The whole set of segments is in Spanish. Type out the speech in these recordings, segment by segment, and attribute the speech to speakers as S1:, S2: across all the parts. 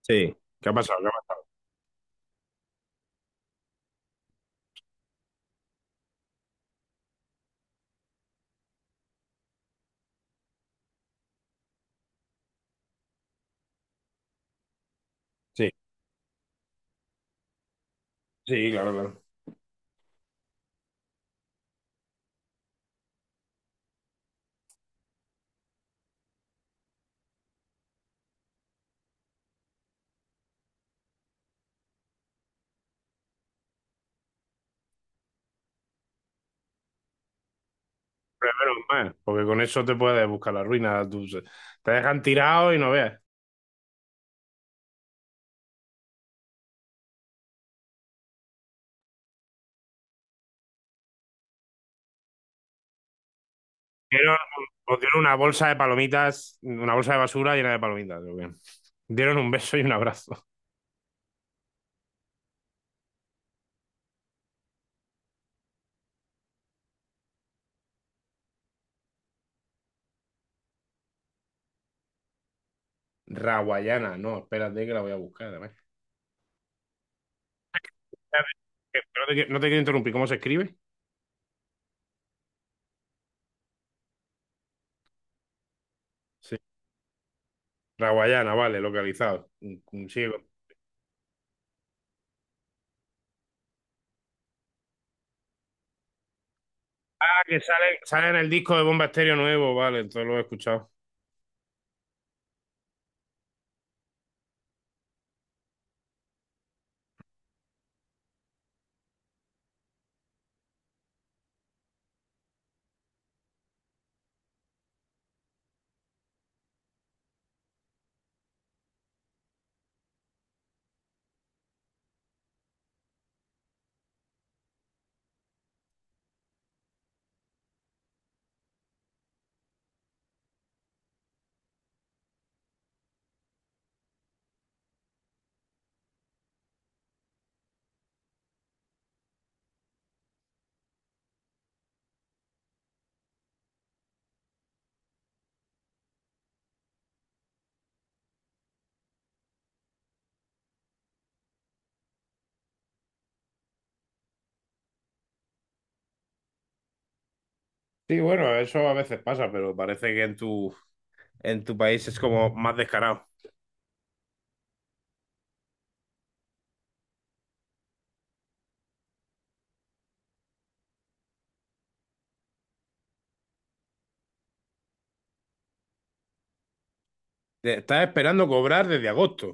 S1: Sí, ¿qué ha pasado? ¿Qué ha pasado? Sí, sí, claro, claro. Pero menos mal, porque con eso te puedes buscar la ruina. Te dejan tirado y no veas. Dieron, os dieron una bolsa de palomitas, una bolsa de basura llena de palomitas, creo que. Dieron un beso y un abrazo. Raguayana, no, espérate que la voy a buscar además. Espérate, que no te quiero interrumpir, ¿cómo se escribe? Sí. Raguayana, vale, localizado. Un ciego. Ah, que sale, sale en el disco de Bomba Estéreo nuevo, vale, entonces lo he escuchado. Sí, bueno, eso a veces pasa, pero parece que en tu país es como más descarado. Estás esperando cobrar desde agosto.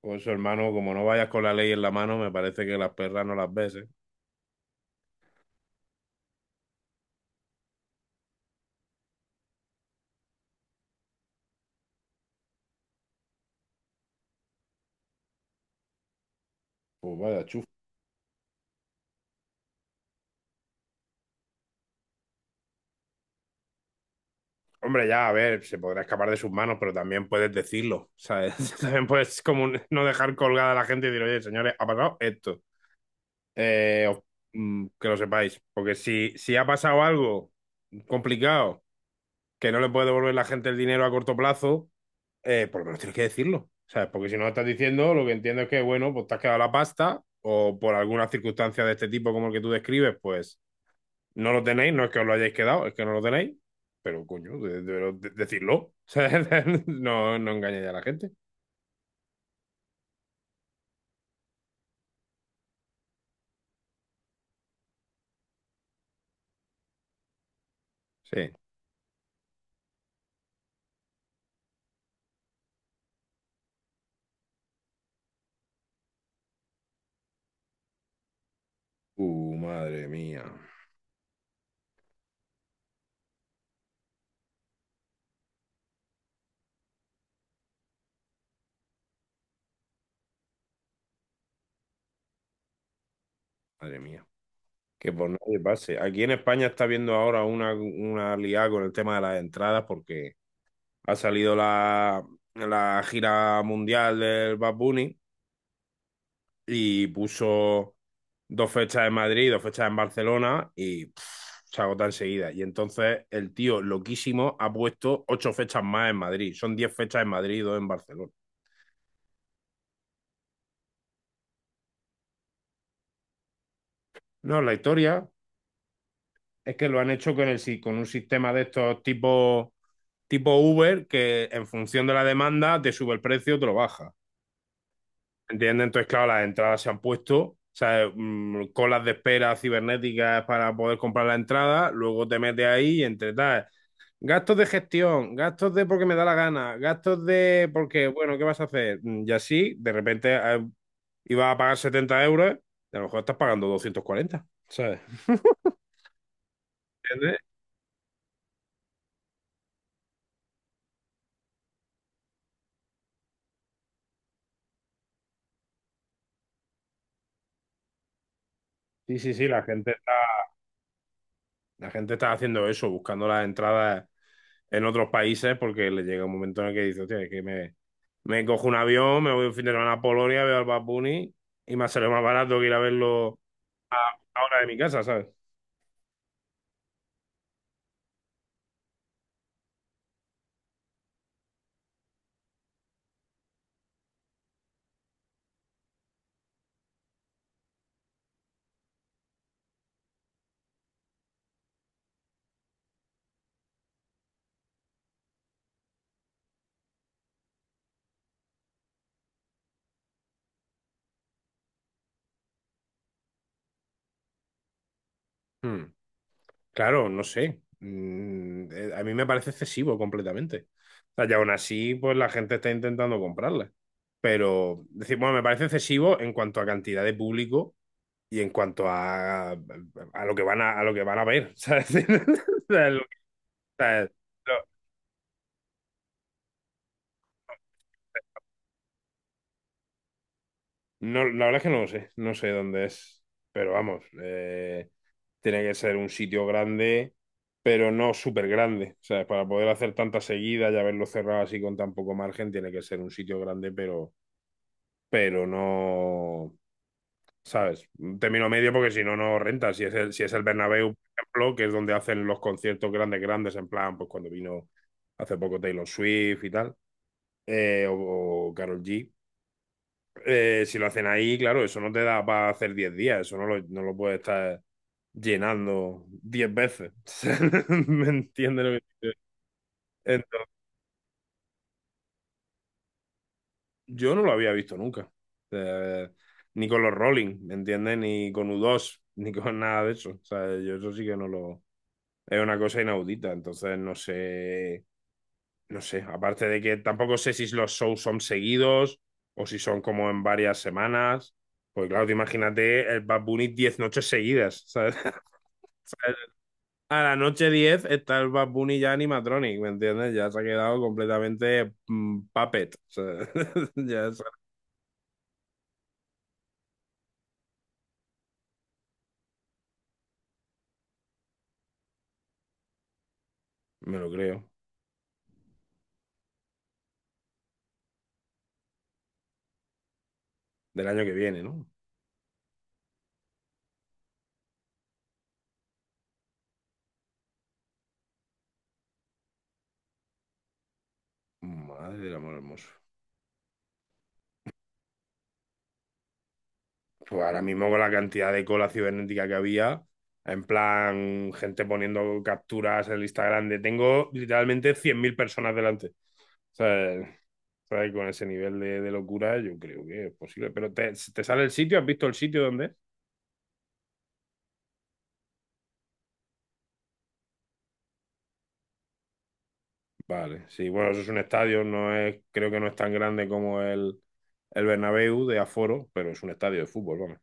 S1: Pues hermano, como no vayas con la ley en la mano, me parece que las perras no las ves, ¿eh? Pues vaya chuf. Hombre, ya, a ver, se podrá escapar de sus manos, pero también puedes decirlo, ¿sabes? También puedes como no dejar colgada a la gente y decir, oye, señores, ha pasado esto. Eh, os- que lo sepáis, porque si ha pasado algo complicado, que no le puede devolver la gente el dinero a corto plazo, por lo menos tienes que decirlo. ¿Sabes? Porque si no lo estás diciendo, lo que entiendo es que, bueno, pues te has quedado la pasta o por alguna circunstancia de este tipo como el que tú describes, pues no lo tenéis, no es que os lo hayáis quedado, es que no lo tenéis, pero coño, decidlo. ¿Sabes? No, no engañéis a la gente. Sí. Madre mía, madre mía. Que por nadie pase. Aquí en España está viendo ahora una liada con el tema de las entradas porque ha salido la gira mundial del Bad Bunny y puso dos fechas en Madrid, dos fechas en Barcelona y pff, se agota enseguida. Y entonces el tío loquísimo ha puesto ocho fechas más en Madrid. Son 10 fechas en Madrid y dos en Barcelona. No, la historia es que lo han hecho con, el, si- con un sistema de estos tipo, Uber, que en función de la demanda te sube el precio o te lo baja. ¿Entiendes? Entonces, claro, las entradas se han puesto, o sea, colas de espera cibernéticas para poder comprar la entrada, luego te metes ahí y entre tal. Gastos de gestión, gastos de porque me da la gana, gastos de porque, bueno, ¿qué vas a hacer? Y así, de repente ibas a pagar 70 euros, y a lo mejor estás pagando 240, ¿sabes? ¿Entiendes? Sí, sí, sí, la gente. La gente está haciendo eso, buscando las entradas en otros países porque le llega un momento en el que dice, hostia, es que me cojo un avión, me voy un fin de semana a Polonia, veo al Bad Bunny y me sale más barato que ir a verlo a una hora de mi casa, ¿sabes? Hmm. Claro, no sé. A mí me parece excesivo completamente. O sea, y aún así, pues la gente está intentando comprarla. Pero, es decir, bueno, me parece excesivo en cuanto a cantidad de público y en cuanto a lo que van a lo que van a ver, ¿sabes? O sea, sea, lo- no, la verdad es que no lo sé, no sé dónde es, pero vamos, tiene que ser un sitio grande, pero no súper grande. O sea, para poder hacer tanta seguida y haberlo cerrado así con tan poco margen, tiene que ser un sitio grande, pero no, ¿sabes? Un término medio porque si no, no renta. Si es el Bernabéu, por ejemplo, que es donde hacen los conciertos grandes, grandes, en plan, pues cuando vino hace poco Taylor Swift y tal, o Carol G. Si lo hacen ahí, claro, eso no te da para hacer 10 días, eso no lo puedes estar llenando 10 veces. ¿Me entiendes lo que te quiero? Entonces, yo no lo había visto nunca. Eh, Ni con los Rolling, ¿me entiendes? Ni con U2 ni con nada de eso. O sea, yo eso sí que no lo... Es una cosa inaudita, entonces no sé, aparte de que tampoco sé si los shows son seguidos o si son como en varias semanas. Pues claro, te imagínate el Bad Bunny 10 noches seguidas, ¿sabes? ¿Sabes? A la noche 10 está el Bad Bunny ya animatronic, ¿me entiendes? Ya se ha quedado completamente puppet, o sea, ya se- me lo creo. Del año que viene, ¿no? Madre del amor hermoso. Pues ahora mismo con la cantidad de cola cibernética que había, en plan, gente poniendo capturas en el Instagram de tengo literalmente 100.000 personas delante. O sea, ¿sabes? Con ese nivel de locura, yo creo que es posible. Pero te sale el sitio, ¿has visto el sitio donde es? Vale, sí, bueno, eso es un estadio, no es, creo que no es tan grande como el Bernabéu de aforo, pero es un estadio de fútbol, vamos.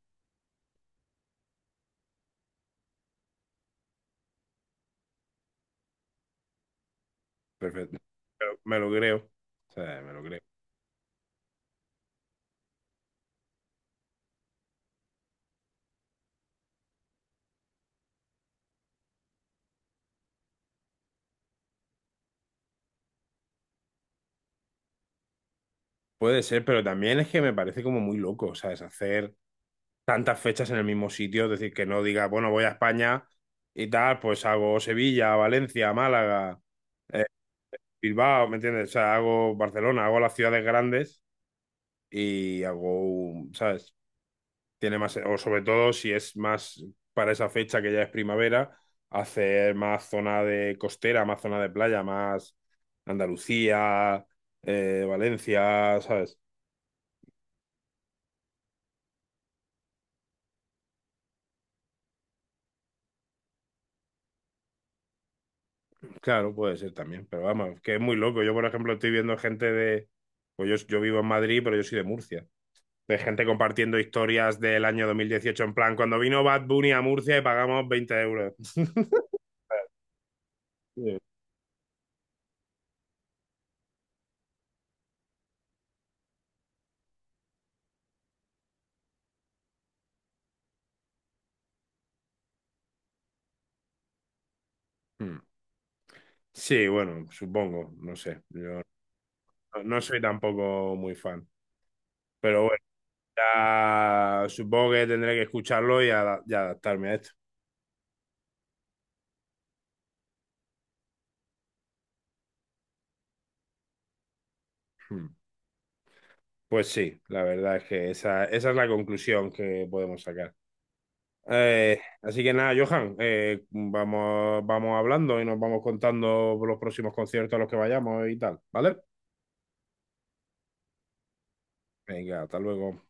S1: Perfecto. Pero me lo creo. O sea, me lo creo. Puede ser, pero también es que me parece como muy loco, ¿sabes? Hacer tantas fechas en el mismo sitio, es decir, que no diga, bueno, voy a España y tal, pues hago Sevilla, Valencia, Málaga, eh, Bilbao, ¿me entiendes? O sea, hago Barcelona, hago las ciudades grandes y hago, un- ¿sabes? Tiene más, o sobre todo si es más para esa fecha que ya es primavera, hacer más zona de costera, más zona de playa, más Andalucía, Valencia, ¿sabes? Claro, puede ser también, pero vamos, que es muy loco. Yo, por ejemplo, estoy viendo gente de... Pues yo vivo en Madrid, pero yo soy de Murcia. De gente compartiendo historias del año 2018 en plan, cuando vino Bad Bunny a Murcia y pagamos 20 euros. Sí. Mm. Sí, bueno, supongo, no sé. Yo no soy tampoco muy fan. Pero bueno, ya supongo que tendré que escucharlo y adaptarme a esto. Mm. Pues sí, la verdad es que esa es la conclusión que podemos sacar. Así que nada, Johan, vamos, vamos hablando y nos vamos contando los próximos conciertos a los que vayamos y tal, ¿vale? Venga, hasta luego.